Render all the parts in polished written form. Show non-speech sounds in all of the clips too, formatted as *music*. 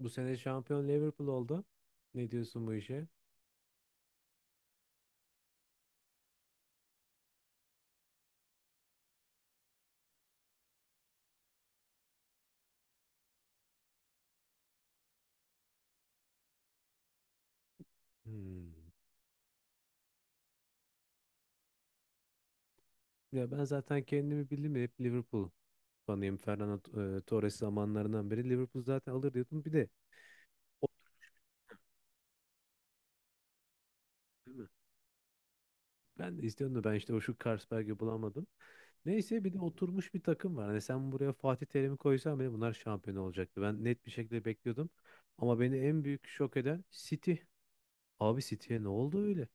Bu sene şampiyon Liverpool oldu. Ne diyorsun bu işe? Hmm. Ya ben zaten kendimi bildim ya hep Liverpool fanıyım. Fernando Torres zamanlarından beri Liverpool zaten alır diyordum. Bir de o- değil mi? Ben de istiyordum da ben işte o şu Carlsberg'i bulamadım. Neyse bir de oturmuş bir takım var. Hani sen buraya Fatih Terim'i koysan bile bunlar şampiyon olacaktı. Ben net bir şekilde bekliyordum. Ama beni en büyük şok eden City. Abi City'ye ne oldu öyle?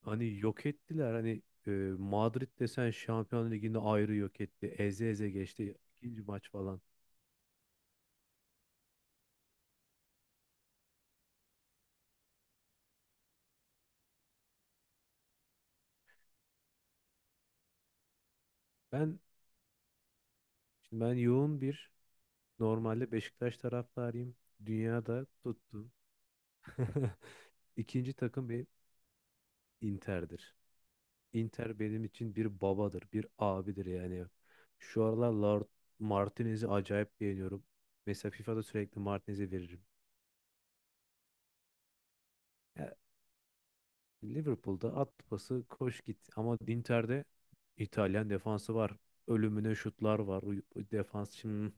Hani yok ettiler. Hani Madrid desen Şampiyon Ligi'ni ayrı yok etti. Eze eze geçti ikinci maç falan. Ben ben yoğun bir normalde Beşiktaş taraftarıyım. Dünyada tuttum. *laughs* İkinci takım bir Inter'dir. Inter benim için bir babadır, bir abidir yani. Şu aralar Lord Martinez'i acayip beğeniyorum. Mesela FIFA'da sürekli Martinez'i veririm. Liverpool'da at pası koş git ama Inter'de İtalyan defansı var. Ölümüne şutlar var. Defans şimdi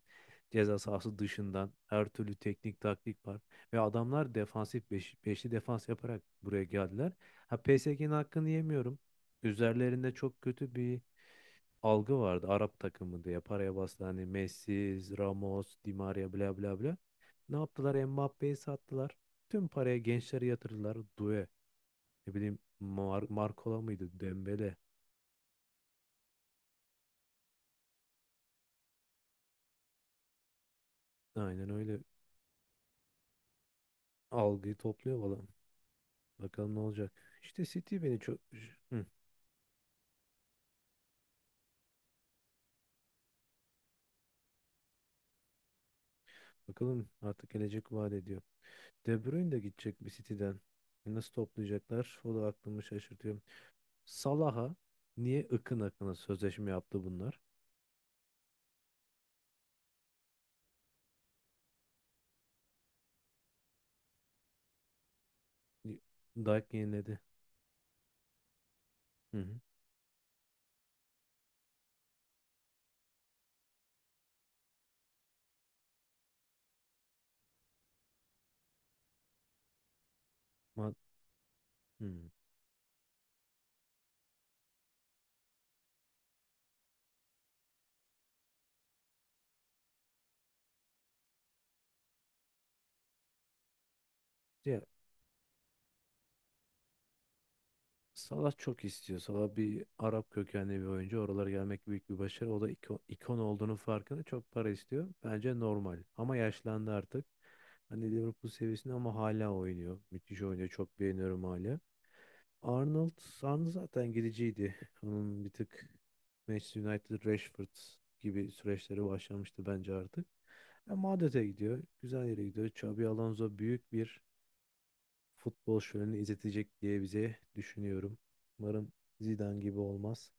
ceza sahası dışından her türlü teknik taktik var. Ve adamlar defansif beş, beşli defans yaparak buraya geldiler. Ha PSG'nin hakkını yemiyorum. Üzerlerinde çok kötü bir algı vardı. Arap takımı diye paraya bastı. Hani Messi, Ramos, Di Maria bla bla bla. Ne yaptılar? Mbappe'yi sattılar. Tüm paraya gençleri yatırdılar. Due. Ne bileyim Markola mıydı? Dembele. Aynen öyle algıyı topluyor falan. Bakalım ne olacak. İşte City beni çok... Hı, bakalım artık gelecek vaat ediyor. De Bruyne de gidecek bir City'den. E nasıl toplayacaklar? O da aklımı şaşırtıyor. Salah'a niye ıkın akına sözleşme yaptı bunlar? Dijk yeniledi. Hı hı. Ma- hı. Ya Salah çok istiyor. Salah bir Arap kökenli bir oyuncu. Oralara gelmek büyük bir başarı. O da ikon olduğunu farkında, çok para istiyor. Bence normal. Ama yaşlandı artık. Hani Liverpool seviyesinde ama hala oynuyor. Müthiş oynuyor. Çok beğeniyorum hala. Arnold zaten gidiciydi. Onun bir tık Manchester United, Rashford gibi süreçleri başlamıştı bence artık. Ya Madrid'e gidiyor. Güzel yere gidiyor. Xabi Alonso büyük bir futbol şöleni izletecek diye bize düşünüyorum. Umarım Zidane gibi olmaz.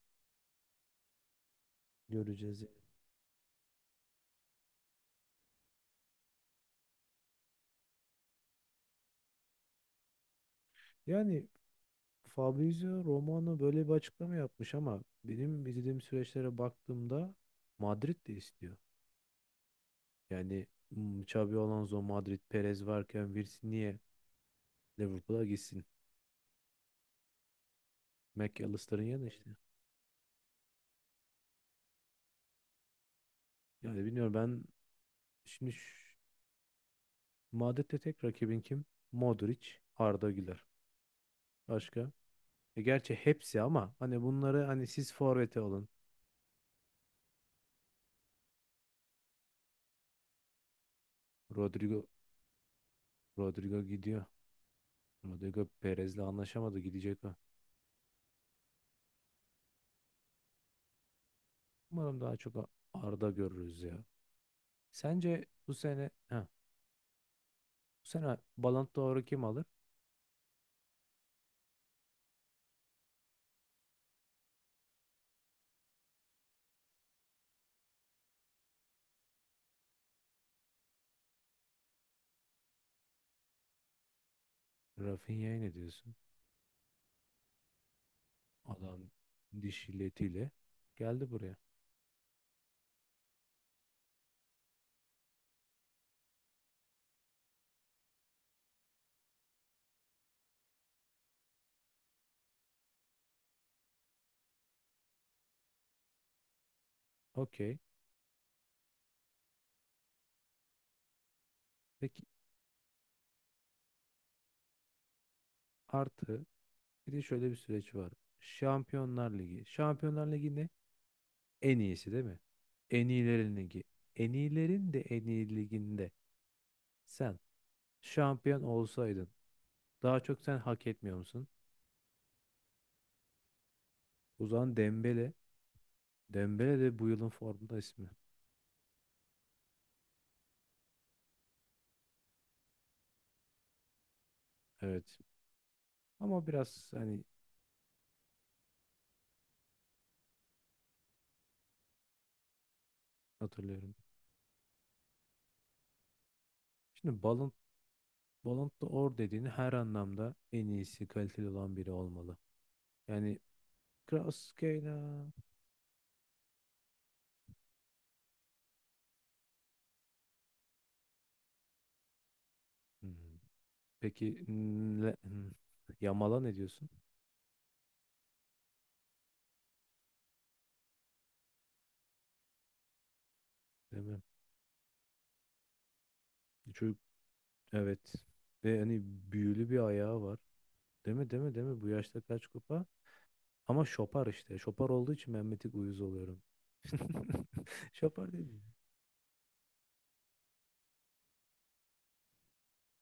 Göreceğiz. Yani Fabrizio Romano böyle bir açıklama yapmış ama benim izlediğim süreçlere baktığımda Madrid de istiyor. Yani hmm, Xabi Alonso, Madrid, Perez varken Virsi niye Liverpool'a gitsin? McAllister'ın yanı işte. Yani bilmiyorum ben şimdi Madrid'de tek rakibin kim? Modric, Arda Güler. Başka? E gerçi hepsi ama hani bunları hani siz forvete olun. Rodrigo Rodrigo gidiyor. Rodrigo Perez'le anlaşamadı, gidecek o. Umarım daha çok Arda görürüz ya. Sence bu sene ha, bu sene Ballon d'Or'u kim alır? Rafinha'ya ne diyorsun? Adam diş illetiyle geldi buraya. Okey. Peki, artı bir de şöyle bir süreç var. Şampiyonlar Ligi. Şampiyonlar Ligi'nin en iyisi değil mi? En iyilerin ligi. En iyilerin de en iyi liginde sen şampiyon olsaydın daha çok sen hak etmiyor musun? O zaman Dembele. Dembele de bu yılın formda ismi. Evet. Ama biraz hani hatırlıyorum. Şimdi Ballon d'Or dediğin her anlamda en iyisi, kaliteli olan biri olmalı. Yani Krasskheila. Hmm. Peki Yamal'a ne diyorsun? Değil mi? Çocuk, evet. Ve hani büyülü bir ayağı var. Değil mi? Değil mi? Değil mi? Bu yaşta kaç kupa? Ama şopar işte. Şopar olduğu için ben bir tık uyuz oluyorum. *laughs* Şopar değil.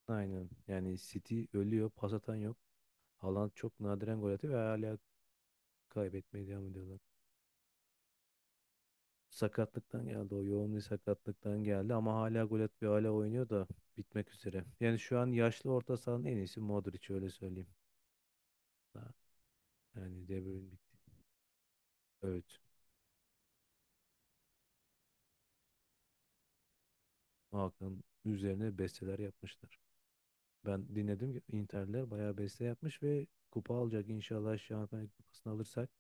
Aynen. Yani City ölüyor. Pas atan yok. Haaland çok nadiren gol atıyor ve hala kaybetmeye devam ediyorlar. Sakatlıktan geldi. O yoğun bir sakatlıktan geldi ama hala gol atıyor. Hala oynuyor da bitmek üzere. Yani şu an yaşlı orta sahanın en iyisi Modric, öyle söyleyeyim. Ha, yani De Bruyne bitti. Evet. Hakan üzerine besteler yapmışlar. Ben dinledim ki Inter'ler bayağı beste yapmış ve kupa alacak inşallah Şampiyonlar Kupası'nı alırsak.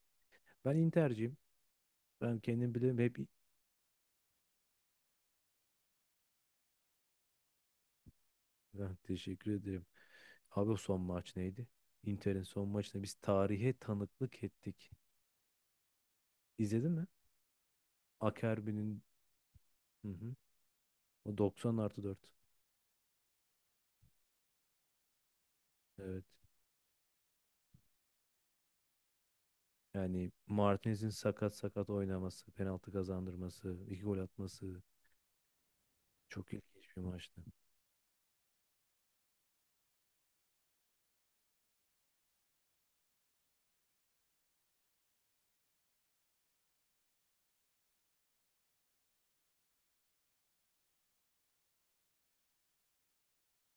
Ben Inter'ciyim. Ben kendim bilirim hep, ben teşekkür ederim. Abi o son maç neydi? Inter'in son maçında biz tarihe tanıklık ettik. İzledin mi? Akerbi'nin hı hı. O 90 artı 4. Evet. Yani Martinez'in sakat sakat oynaması, penaltı kazandırması, iki gol atması çok ilginç bir maçtı.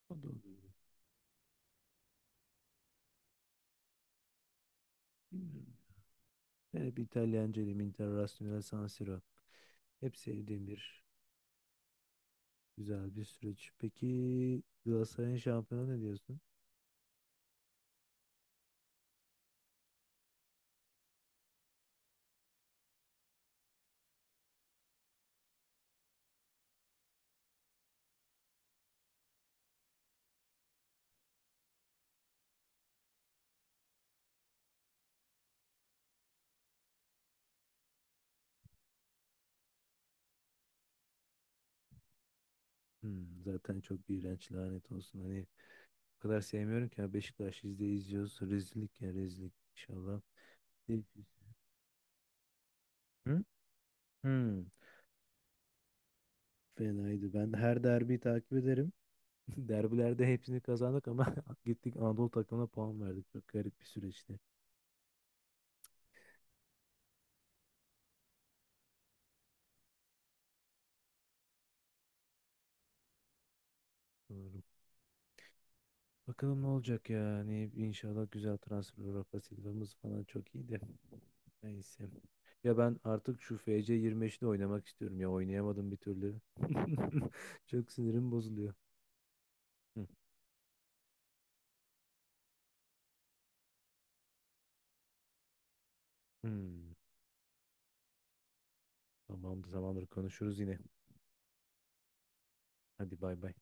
O da olabilir. Bilmiyorum. Ben hep İtalyancıyım. Internazionale San Siro. Hep sevdiğim bir güzel bir süreç. Peki Galatasaray'ın şampiyonu ne diyorsun? Hmm, zaten çok iğrenç, lanet olsun. Hani o kadar sevmiyorum ki ya. Beşiktaş izliyoruz. Rezillik ya, rezillik inşallah. Değil ki. Hı? Hı. Fenaydı. Ben her derbiyi takip ederim. *laughs* Derbilerde hepsini kazandık ama *laughs* gittik Anadolu takımına puan verdik. Çok garip bir süreçti. Doğru. Bakalım ne olacak ya. Hani inşallah güzel transfer, Rafa Silva'mız falan çok iyiydi. Neyse. Ya ben artık şu FC25'te oynamak istiyorum ya. Oynayamadım bir türlü. *laughs* Çok sinirim bozuluyor. Hı. Hmm. Tamamdır, tamamdır, konuşuruz yine. Hadi bay bay.